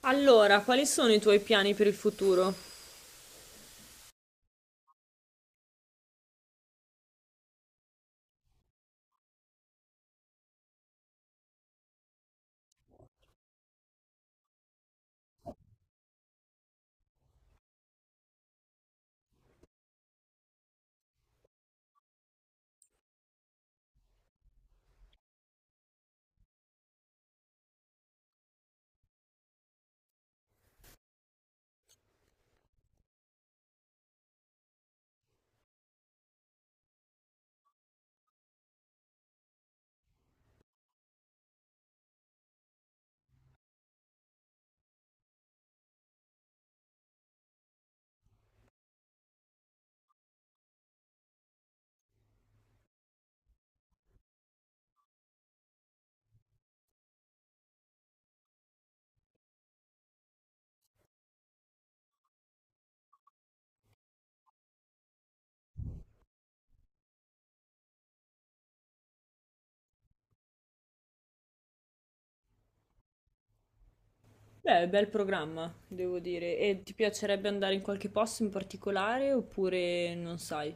Allora, quali sono i tuoi piani per il futuro? Beh, bel programma, devo dire. E ti piacerebbe andare in qualche posto in particolare oppure non sai?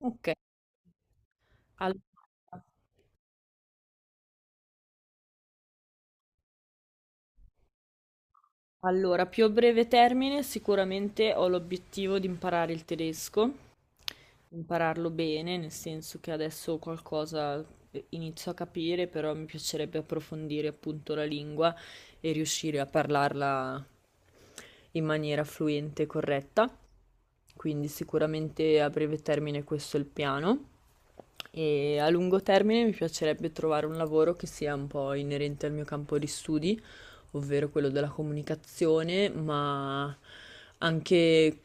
Ok. Allora. Allora, più a breve termine sicuramente ho l'obiettivo di imparare il tedesco, impararlo bene, nel senso che adesso qualcosa inizio a capire, però mi piacerebbe approfondire appunto la lingua e riuscire a parlarla in maniera fluente e corretta. Quindi sicuramente a breve termine questo è il piano. E a lungo termine mi piacerebbe trovare un lavoro che sia un po' inerente al mio campo di studi ovvero quello della comunicazione, ma anche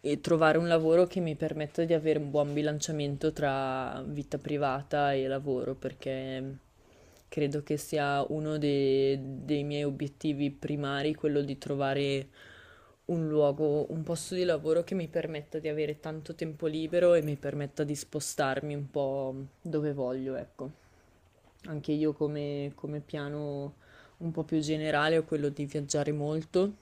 trovare un lavoro che mi permetta di avere un buon bilanciamento tra vita privata e lavoro, perché credo che sia dei miei obiettivi primari, quello di trovare un luogo, un posto di lavoro che mi permetta di avere tanto tempo libero e mi permetta di spostarmi un po' dove voglio, ecco. Anche io come piano un po' più generale ho quello di viaggiare molto,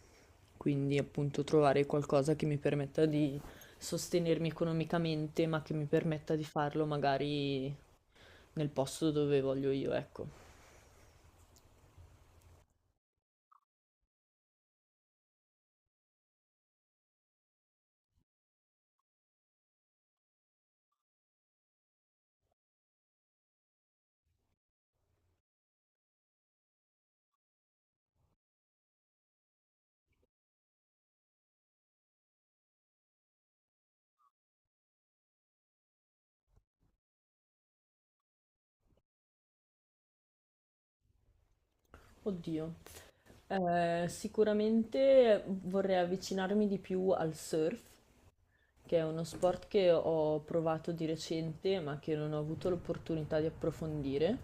quindi appunto trovare qualcosa che mi permetta di sostenermi economicamente, ma che mi permetta di farlo magari nel posto dove voglio io, ecco. Oddio, sicuramente vorrei avvicinarmi di più al surf, che è uno sport che ho provato di recente, ma che non ho avuto l'opportunità di approfondire.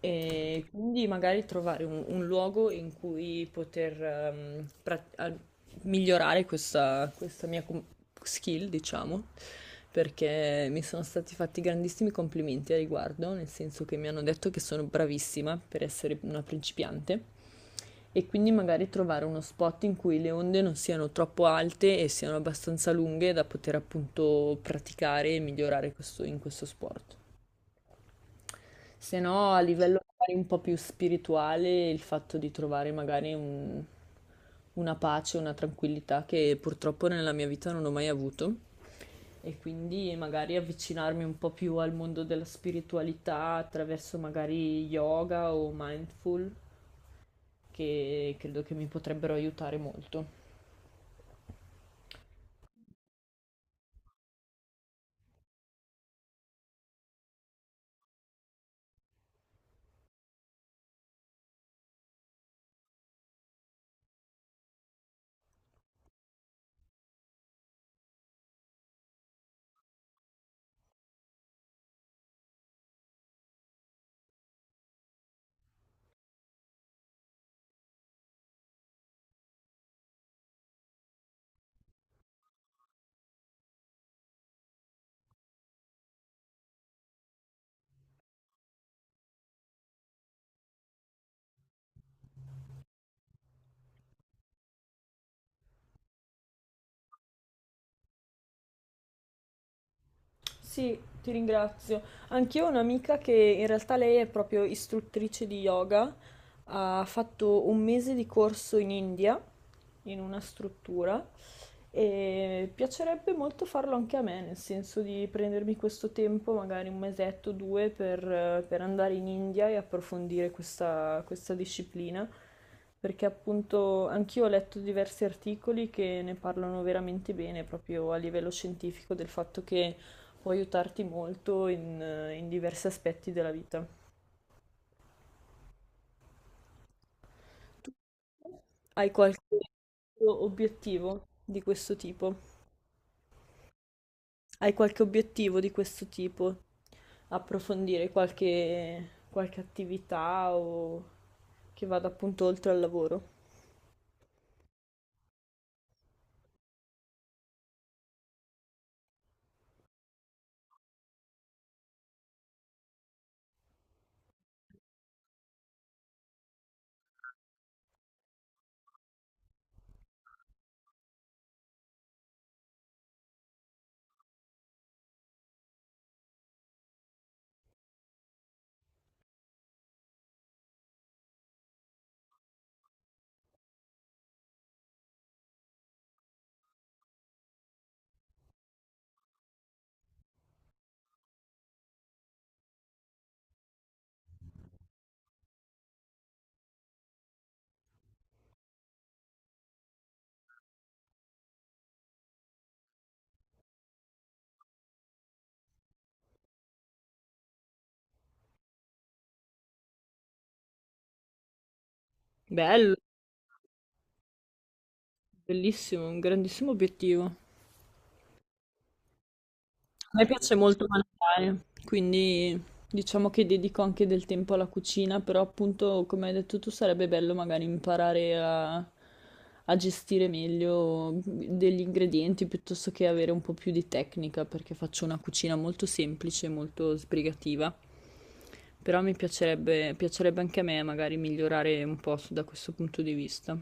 E quindi magari trovare un luogo in cui poter migliorare questa mia skill, diciamo, perché mi sono stati fatti grandissimi complimenti a riguardo, nel senso che mi hanno detto che sono bravissima per essere una principiante. E quindi magari trovare uno spot in cui le onde non siano troppo alte e siano abbastanza lunghe da poter appunto praticare e migliorare in questo sport. Se no, a livello magari un po' più spirituale, il fatto di trovare magari una pace, una tranquillità che purtroppo nella mia vita non ho mai avuto. E quindi magari avvicinarmi un po' più al mondo della spiritualità attraverso magari yoga o mindful, che credo che mi potrebbero aiutare molto. Sì, ti ringrazio. Anch'io ho un'amica che in realtà lei è proprio istruttrice di yoga, ha fatto un mese di corso in India, in una struttura, e piacerebbe molto farlo anche a me, nel senso di prendermi questo tempo, magari un mesetto o due, per andare in India e approfondire questa disciplina, perché appunto anch'io ho letto diversi articoli che ne parlano veramente bene, proprio a livello scientifico, del fatto che può aiutarti molto in diversi aspetti della vita. Tu hai qualche obiettivo di questo tipo? Hai qualche obiettivo di questo tipo? Approfondire qualche attività o che vada appunto oltre al lavoro? Bello, bellissimo, un grandissimo obiettivo. A me piace molto mangiare, quindi diciamo che dedico anche del tempo alla cucina, però appunto, come hai detto tu, sarebbe bello magari imparare a gestire meglio degli ingredienti piuttosto che avere un po' più di tecnica, perché faccio una cucina molto semplice, molto sbrigativa. Però mi piacerebbe, piacerebbe anche a me magari migliorare un po' da questo punto di vista.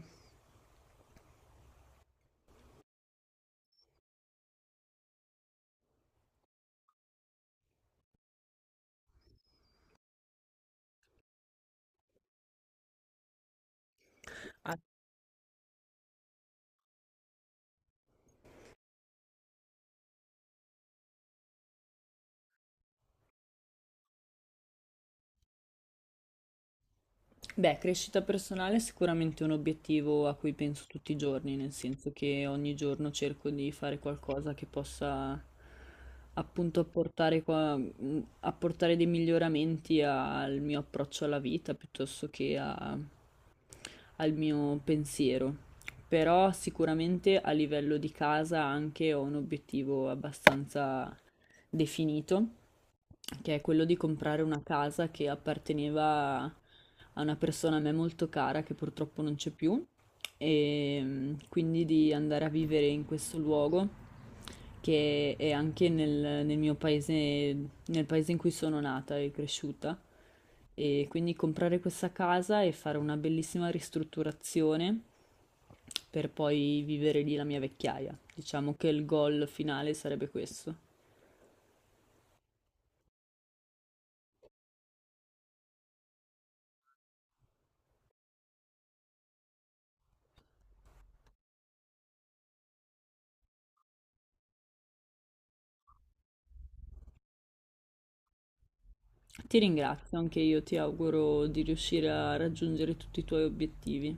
Beh, crescita personale è sicuramente un obiettivo a cui penso tutti i giorni, nel senso che ogni giorno cerco di fare qualcosa che possa appunto apportare, apportare dei miglioramenti al mio approccio alla vita piuttosto che al mio pensiero. Però sicuramente a livello di casa anche ho un obiettivo abbastanza definito che è quello di comprare una casa che apparteneva a una persona a me molto cara che purtroppo non c'è più e quindi di andare a vivere in questo luogo che è anche nel mio paese, nel paese in cui sono nata e cresciuta. E quindi comprare questa casa e fare una bellissima ristrutturazione per poi vivere lì la mia vecchiaia. Diciamo che il goal finale sarebbe questo. Ti ringrazio, anche io ti auguro di riuscire a raggiungere tutti i tuoi obiettivi.